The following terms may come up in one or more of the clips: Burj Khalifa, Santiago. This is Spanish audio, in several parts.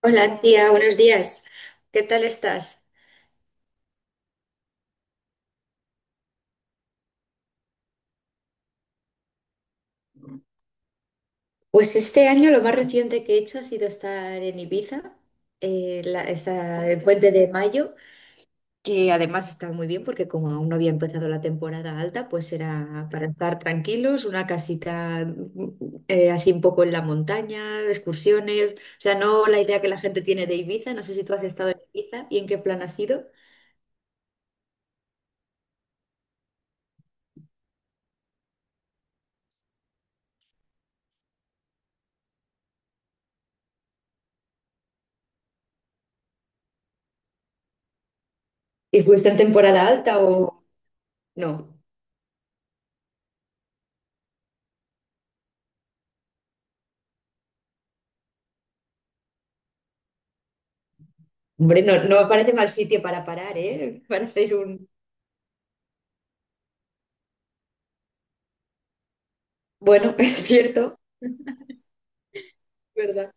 Hola tía, buenos días. ¿Qué tal estás? Pues este año lo más reciente que he hecho ha sido estar en Ibiza, el puente de mayo, que además está muy bien porque como aún no había empezado la temporada alta, pues era para estar tranquilos, una casita así un poco en la montaña, excursiones, o sea, no la idea que la gente tiene de Ibiza, no sé si tú has estado en Ibiza y en qué plan has ido. ¿Y fuiste en temporada alta o no? Hombre, no, no me parece mal sitio para parar, ¿eh? Para hacer un... Bueno, es cierto, ¿verdad?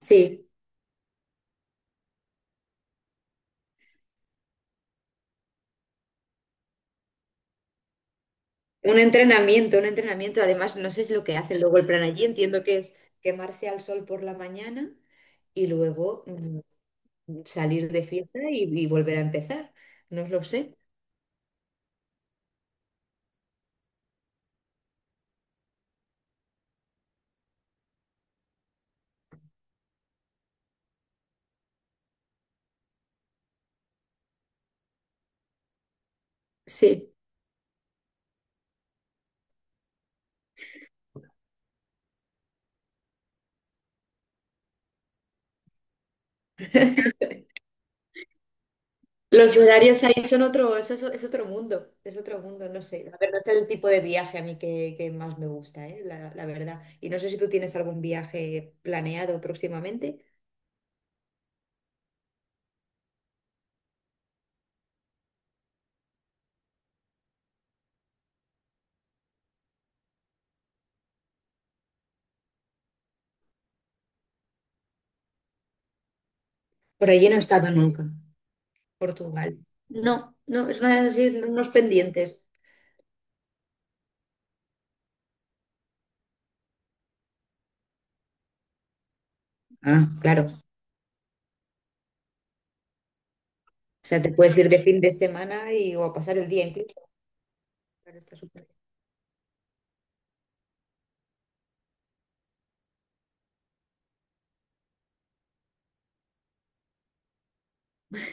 Sí, un entrenamiento, un entrenamiento. Además, no sé si lo que hacen luego el plan allí. Entiendo que es quemarse al sol por la mañana y luego salir de fiesta y volver a empezar. No lo sé. Sí. Los horarios ahí son otro, eso es otro mundo, no sé. La verdad es el tipo de viaje a mí que más me gusta, ¿eh? La verdad. Y no sé si tú tienes algún viaje planeado próximamente. Por allí no he estado nunca, Portugal. No, no, es una, sí, unos pendientes. Ah, claro. O sea, te puedes ir de fin de semana y, o a pasar el día incluso. Claro, está súper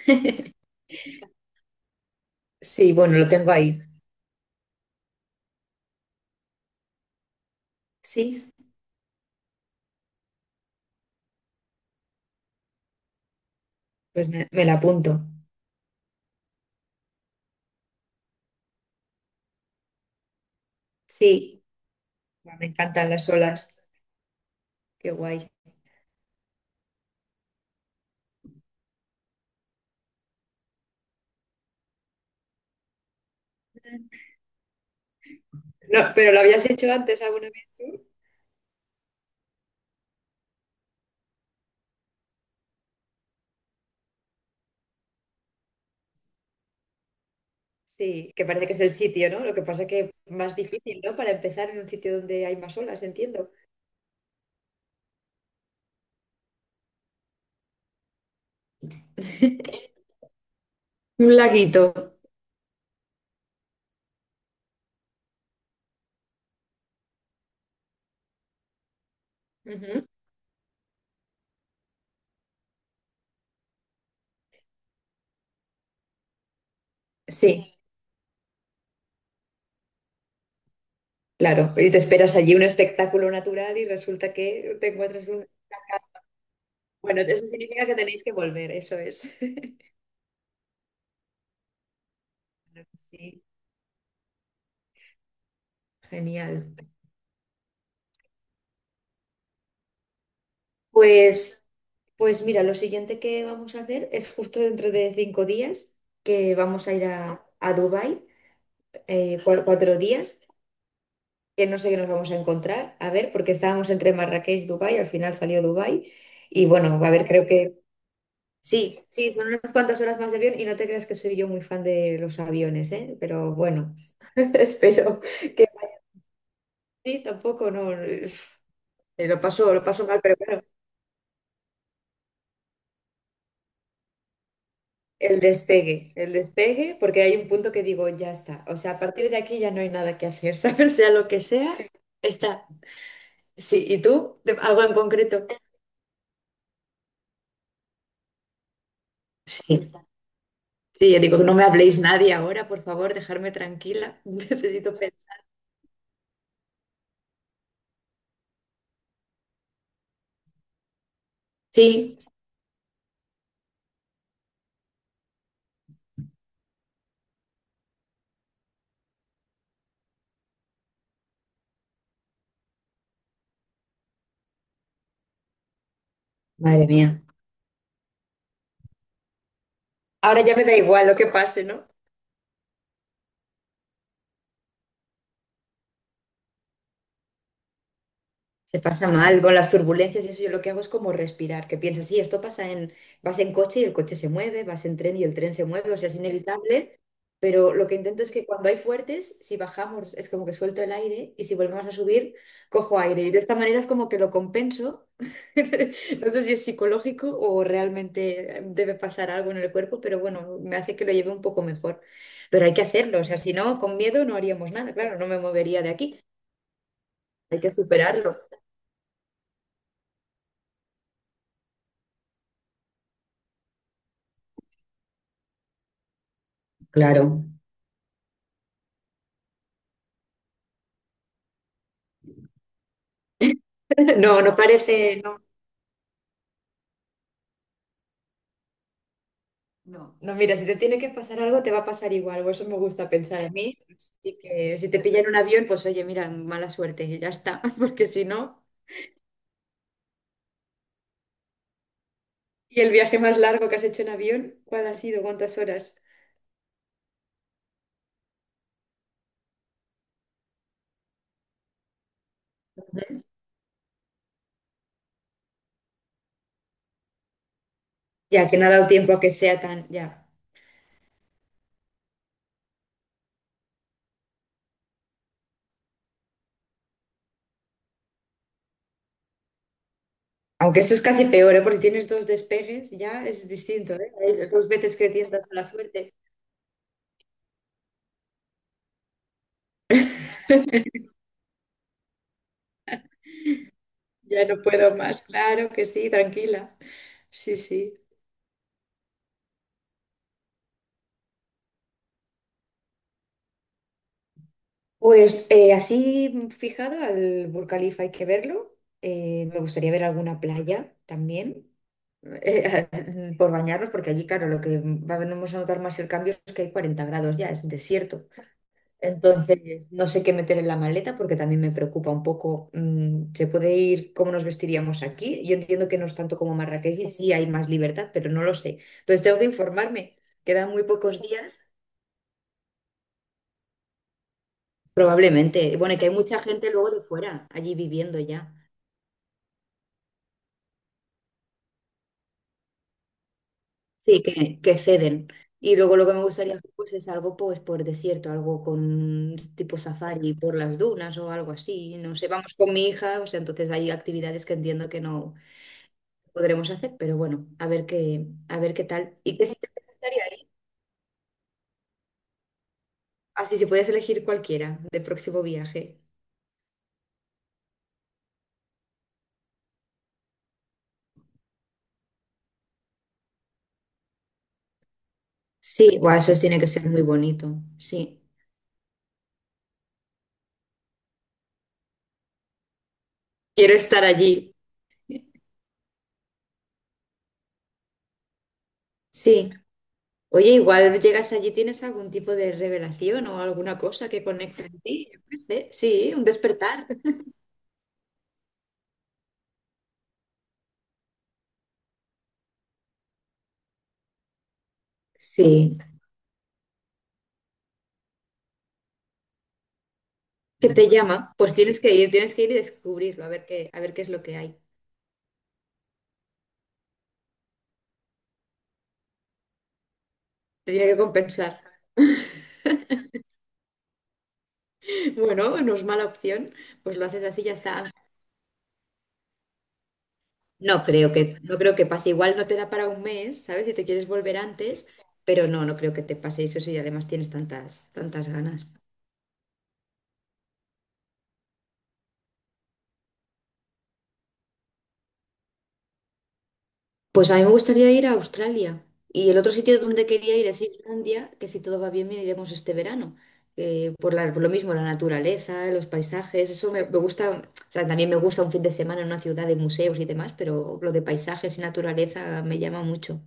bien. Sí, bueno, lo tengo ahí. Sí, pues me la apunto. Sí, me encantan las olas. Qué guay. No, pero lo habías hecho antes alguna vez tú. Sí, que parece que es el sitio, ¿no? Lo que pasa que más difícil, ¿no? Para empezar en un sitio donde hay más olas, entiendo. Un laguito. Ujú. Sí, claro, y te esperas allí un espectáculo natural y resulta que te encuentras un... Bueno, eso significa que tenéis que volver, eso es. Claro que sí, genial. Pues, pues mira, lo siguiente que vamos a hacer es justo dentro de 5 días, que vamos a ir a Dubái, 4 días, que no sé qué nos vamos a encontrar, a ver, porque estábamos entre Marrakech y Dubái, al final salió Dubái, y bueno, va a haber creo que sí, sí, son unas cuantas horas más de avión y no te creas que soy yo muy fan de los aviones, ¿eh? Pero bueno, espero que sí, tampoco, no, lo paso mal, pero bueno, el despegue, porque hay un punto que digo, ya está, o sea, a partir de aquí ya no hay nada que hacer, ¿sabes? Sea lo que sea, sí. Está. Sí, ¿y tú? ¿De- ¿Algo en concreto? Sí, sí, yo digo, no me habléis nadie ahora, por favor, dejarme tranquila, necesito pensar. Sí, madre mía. Ahora ya me da igual lo que pase, ¿no? Se pasa mal con las turbulencias y eso yo lo que hago es como respirar, que piensas, sí, esto pasa en, vas en coche y el coche se mueve, vas en tren y el tren se mueve, o sea, es inevitable, pero lo que intento es que cuando hay fuertes, si bajamos es como que suelto el aire y si volvemos a subir, cojo aire y de esta manera es como que lo compenso. No sé si es psicológico o realmente debe pasar algo en el cuerpo, pero bueno, me hace que lo lleve un poco mejor. Pero hay que hacerlo, o sea, si no, con miedo no haríamos nada, claro, no me movería de aquí, hay que superarlo. Claro. No, no parece, no. No. No, mira, si te tiene que pasar algo, te va a pasar igual, o eso me gusta pensar a mí. Así que si te pilla en un avión, pues oye, mira, mala suerte, y ya está, porque si no. ¿Y el viaje más largo que has hecho en avión? ¿Cuál ha sido? ¿Cuántas horas? Ya, que no ha dado tiempo a que sea tan, ya. Aunque eso es casi peor, ¿eh? Porque si tienes dos despegues, ya es distinto, ¿eh? Hay dos veces que tientas a la suerte. Ya no puedo más, claro que sí, tranquila. Sí, sí. Pues fijado al Burj Khalifa hay que verlo. Me gustaría ver alguna playa también eh, por bañarnos, porque allí, claro, lo que vamos a notar más el cambio es que hay 40 grados ya, es desierto. Entonces, no sé qué meter en la maleta porque también me preocupa un poco. ¿Se puede ir cómo nos vestiríamos aquí? Yo entiendo que no es tanto como Marrakech, y sí hay más libertad, pero no lo sé. Entonces, tengo que informarme. Quedan muy pocos días. Probablemente. Bueno, y que hay mucha gente luego de fuera, allí viviendo ya. Sí, que ceden. Y luego lo que me gustaría hacer pues, es algo pues, por desierto, algo con tipo safari por las dunas o algo así. No sé, vamos con mi hija, o sea, entonces hay actividades que entiendo que no podremos hacer, pero bueno, a ver qué tal. ¿Y qué sitio te gustaría ir? Así, si puedes elegir cualquiera de próximo viaje. Sí, guau, eso tiene que ser muy bonito. Sí, quiero estar allí. Sí. Oye, igual llegas allí, ¿tienes algún tipo de revelación o alguna cosa que conecte en ti? Yo qué sé. Sí, un despertar. Sí, que te llama. Pues tienes que ir y descubrirlo, a ver qué es lo que hay. Te tiene que compensar. Bueno, no es mala opción, pues lo haces así y ya está. No creo que, no creo que pase. Igual no te da para un mes, ¿sabes? Si te quieres volver antes, pero no, no creo que te pase eso si además tienes tantas, tantas ganas. Pues a mí me gustaría ir a Australia. Y el otro sitio donde quería ir es Islandia, que si todo va bien, bien iremos este verano. Por lo mismo, la naturaleza, los paisajes, eso me, me gusta. O sea, también me gusta un fin de semana en una ciudad de museos y demás, pero lo de paisajes y naturaleza me llama mucho.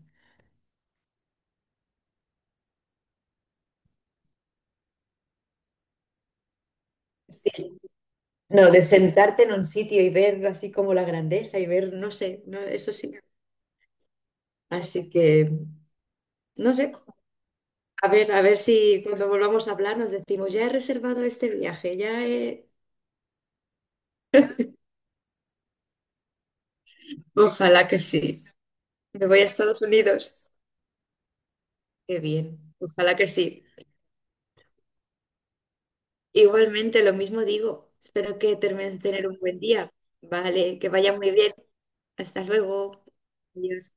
Sí. No, de sentarte en un sitio y ver así como la grandeza y ver, no sé, no, eso sí. Así que, no sé, a ver si cuando volvamos a hablar nos decimos, ya he reservado este viaje, ya he... Ojalá que sí. Me voy a Estados Unidos. Qué bien. Ojalá que sí. Igualmente, lo mismo digo. Espero que termines de tener un buen día. Vale, que vaya muy bien. Hasta luego. Adiós.